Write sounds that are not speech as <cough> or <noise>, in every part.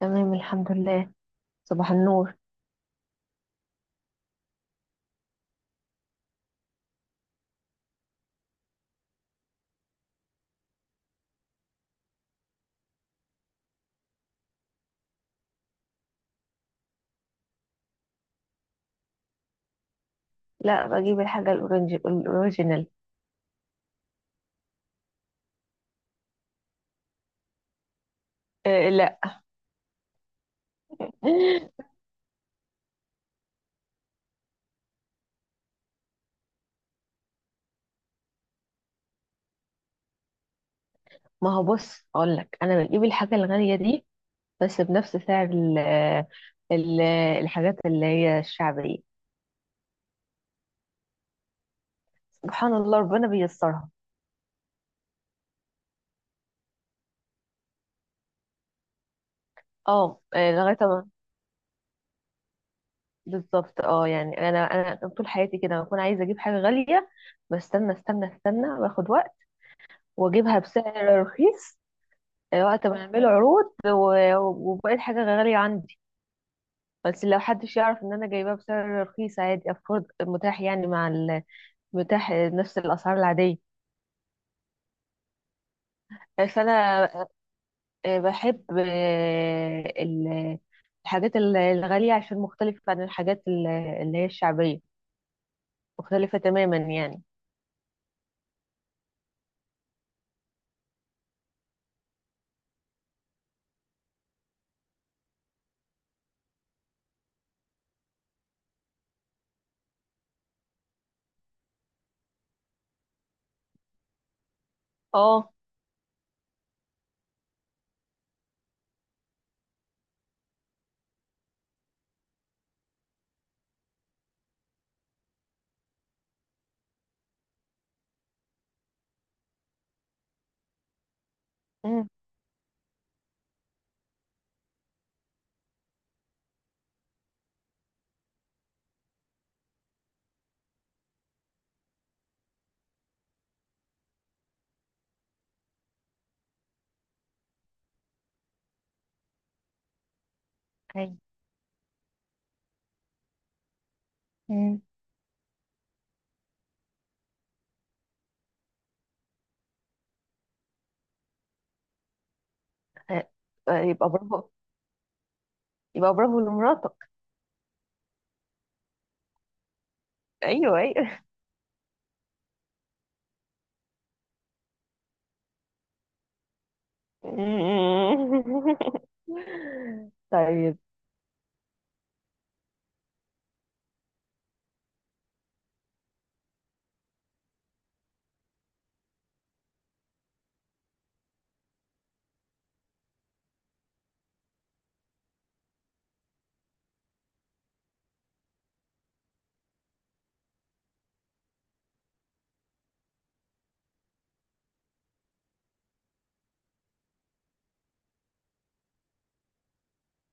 تمام، الحمد لله. صباح النور. لا، بجيب الحاجة الأورنج الأوريجينال. إيه، لا. <laughs> ما هو بص أقول لك أنا بجيب الحاجة الغالية دي، بس بنفس سعر ال ال الحاجات اللي هي الشعبية. سبحان الله، ربنا بيسرها. اه، إيه، لغاية ما بالظبط. اه، يعني أنا طول حياتي كده بكون عايزة أجيب حاجة غالية. بستنى استنى استنى باخد وقت وأجيبها بسعر رخيص. إيه، وقت ما يعملوا عروض وبقت حاجة غالية عندي. بس لو حدش يعرف ان انا جايباه بسعر رخيص عادي، افورد، متاح يعني متاح نفس الاسعار العاديه. فانا بحب الحاجات الغاليه عشان مختلفه عن الحاجات اللي هي الشعبيه. مختلفه تماما يعني. اه. امم. اي. امم. آه، يبقى برافو، يبقى برافو لمراتك. ايوه، ايوه. <laughs> طيب.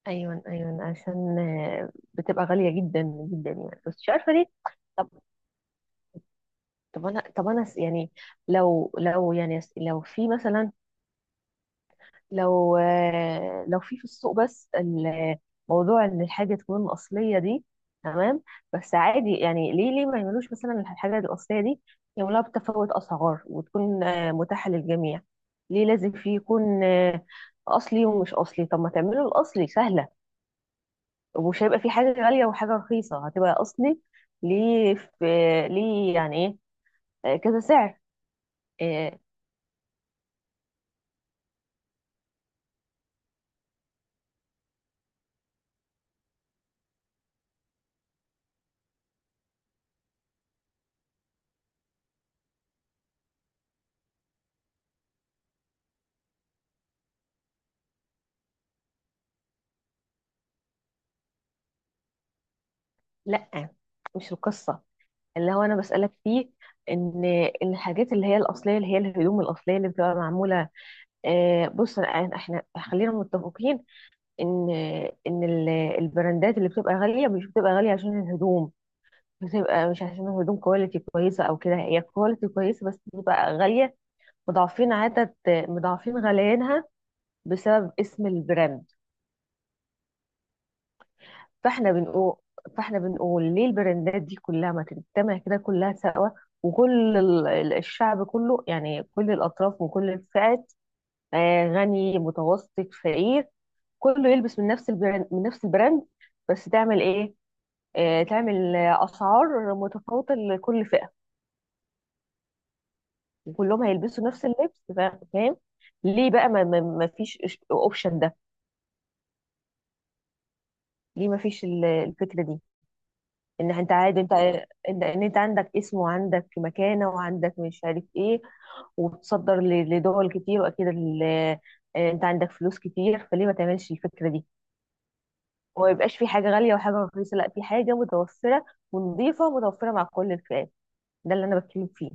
ايوه، ايوه، عشان بتبقى غاليه جدا جدا، يعني بس مش عارفه ليه. طب، يعني لو في مثلا، لو في السوق، بس الموضوع ان الحاجه تكون اصليه دي، تمام. بس عادي، يعني ليه ما يعملوش مثلا الحاجه الاصليه دي، يعملوها بتفاوت اسعار وتكون متاحه للجميع؟ ليه لازم في يكون اصلي ومش اصلي؟ طب ما تعملوا الاصلي سهله، ومش هيبقى في حاجة غالية وحاجة رخيصة، هتبقى أصلي. ليه في؟ ليه يعني إيه كذا سعر؟ إيه، لأ، مش القصة. اللي هو أنا بسألك فيه إن إن الحاجات اللي هي الأصلية، اللي هي الهدوم الأصلية اللي بتبقى معمولة، إيه. بص، إحنا خلينا متفقين إن إن البراندات اللي بتبقى غالية مش بتبقى غالية عشان الهدوم. بتبقى مش عشان الهدوم كواليتي كويسة أو كده، هي كواليتي كويسة، بس بتبقى غالية، مضاعفين عدد مضاعفين غليانها بسبب اسم البراند. فاحنا بنقول فاحنا بنقول ليه البراندات دي كلها ما تجتمع كده كلها سوا، وكل الشعب كله، يعني كل الأطراف وكل الفئات، غني، متوسط، فقير، كله يلبس من نفس البراند، من نفس البراند. بس تعمل ايه؟ تعمل أسعار متفاوتة لكل فئة، وكلهم هيلبسوا نفس اللبس. فاهم؟ ليه بقى ما فيش اوبشن ده؟ ليه ما فيش الفكرة دي؟ ان انت عادي، انت ان إن انت عندك اسم، وعندك مكانه، وعندك مش عارف ايه، وتصدر لدول كتير، واكيد انت عندك فلوس كتير، فليه ما تعملش الفكره دي؟ وما يبقاش في حاجه غاليه وحاجه رخيصه، لا، في حاجه متوفره ونظيفه، ومتوفره مع كل الفئات. ده اللي انا بتكلم فيه.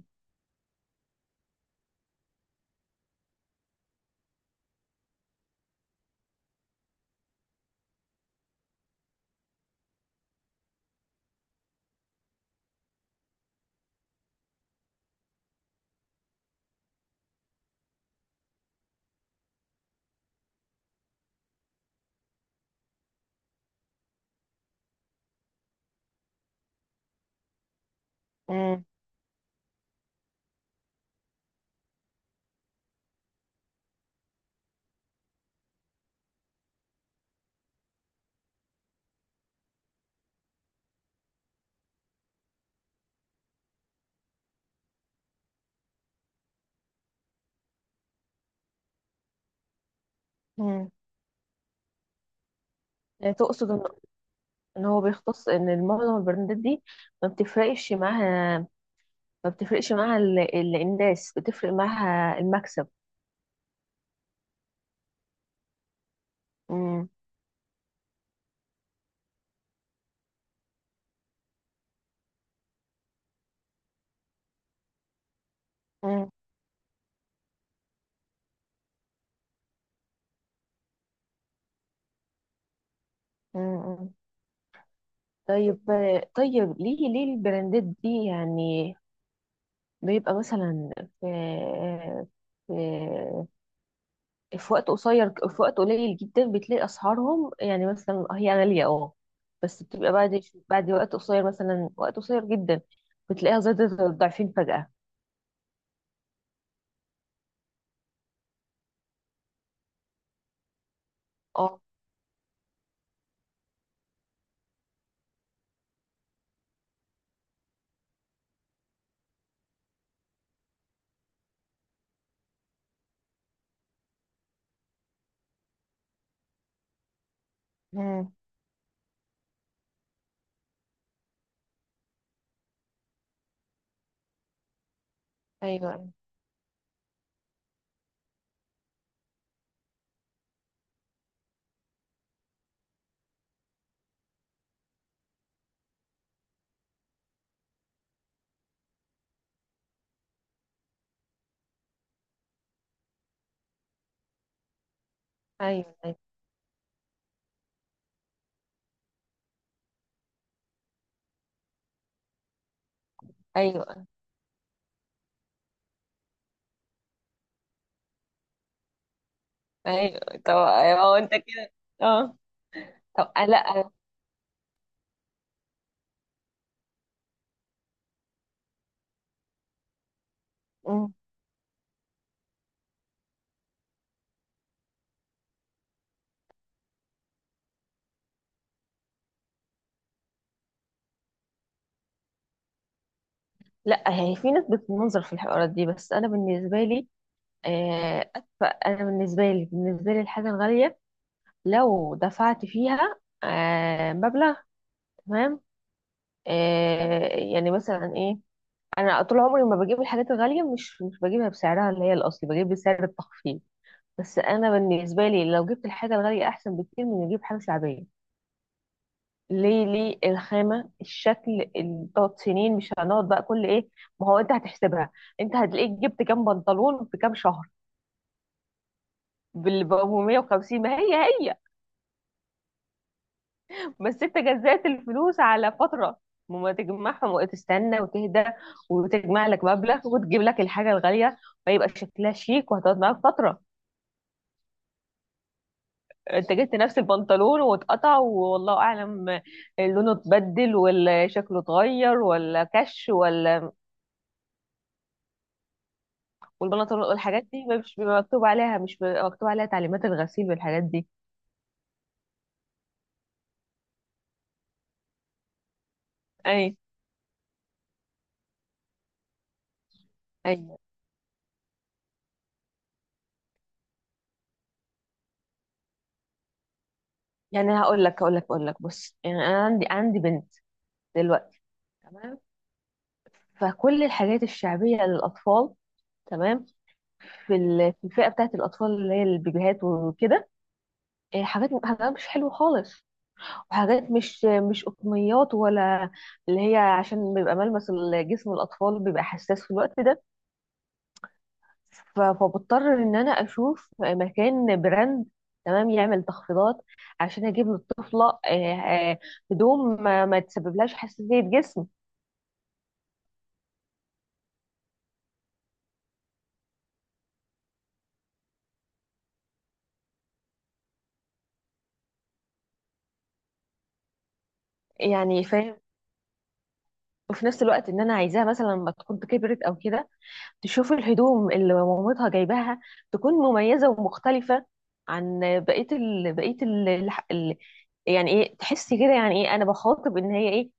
مم. مم. تقصد ان هو بيختص ان المعظم البراندات دي ما بتفرقش معاها، ما بتفرقش معاها الناس، بتفرق معاها المكسب. مم. مم. مم. طيب. طيب، ليه البراندات دي يعني بيبقى مثلا في في وقت قصير، في وقت قليل جدا بتلاقي اسعارهم، يعني مثلا هي غالية، اه، بس بتبقى بعد، وقت قصير مثلا، وقت قصير جدا بتلاقيها زادت ضعفين فجأة. اه. مم. ايوه، ايوه، ايوه، ايوه، ايوه. طب هو انت كده؟ اه. طب، لا. مم. لا، هي في ناس بتنظر في الحوارات دي، بس انا بالنسبة لي أدفع. أنا بالنسبة لي، الحاجة الغالية لو دفعت فيها مبلغ، تمام، يعني مثلا إيه. أنا طول عمري ما بجيب الحاجات الغالية، مش بجيبها بسعرها اللي هي الأصلي، بجيب بسعر التخفيض. بس أنا بالنسبة لي لو جبت الحاجة الغالية أحسن بكتير من إني أجيب حاجة شعبية. ليه الخامة، الشكل، تقعد سنين، مش هنقعد بقى كل إيه. ما هو أنت هتحسبها، أنت هتلاقيك جبت كام بنطلون في كام شهر بال 450، ما هي هي. بس انت جزأت الفلوس على فترة، وما تجمعهم وتستنى وتهدى وتجمع لك مبلغ وتجيب لك الحاجة الغالية، فيبقى شكلها شيك وهتقعد معاك فترة. انت جبت نفس البنطلون واتقطع والله اعلم، لونه اتبدل، ولا شكله اتغير، ولا كش، ولا. والبنطلون والحاجات دي مش بيبقى مكتوب عليها تعليمات الغسيل والحاجات دي. اي. اي. يعني هقول لك، بص، يعني انا عندي بنت دلوقتي، تمام. فكل الحاجات الشعبية للأطفال، تمام، في الفئه بتاعت الاطفال اللي هي البيبيهات وكده، إيه، حاجات مش حلوه خالص، وحاجات مش قطنيات ولا، اللي هي عشان بيبقى ملمس جسم الاطفال بيبقى حساس في الوقت ده. فبضطر ان انا اشوف مكان براند، تمام، يعمل تخفيضات، عشان اجيب للطفله هدوم ما تسببلهاش حساسيه جسم. يعني فاهم؟ وفي نفس الوقت ان انا عايزاها مثلا لما تكون كبرت او كده تشوف الهدوم اللي مامتها جايباها تكون مميزة ومختلفة عن بقية ال... بقية ال... الح- ال... يعني ايه، تحسي كده، يعني ايه انا بخاطب ان هي ايه،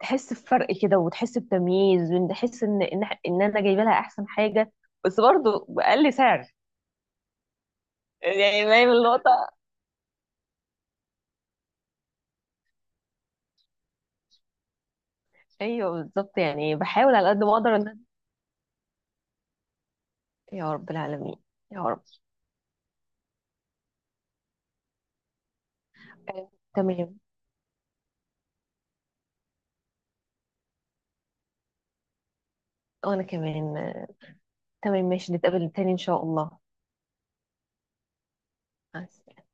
تحس بفرق كده، وتحس بتمييز، وتحس ان انا جايبه لها احسن حاجة، بس برضه بأقل سعر. يعني فاهم النقطة؟ ايوه، بالظبط، يعني بحاول على قد ما اقدر ان. يا رب العالمين، يا رب. تمام. وانا كمان. تمام، ماشي، نتقابل تاني ان شاء الله. مع السلامة.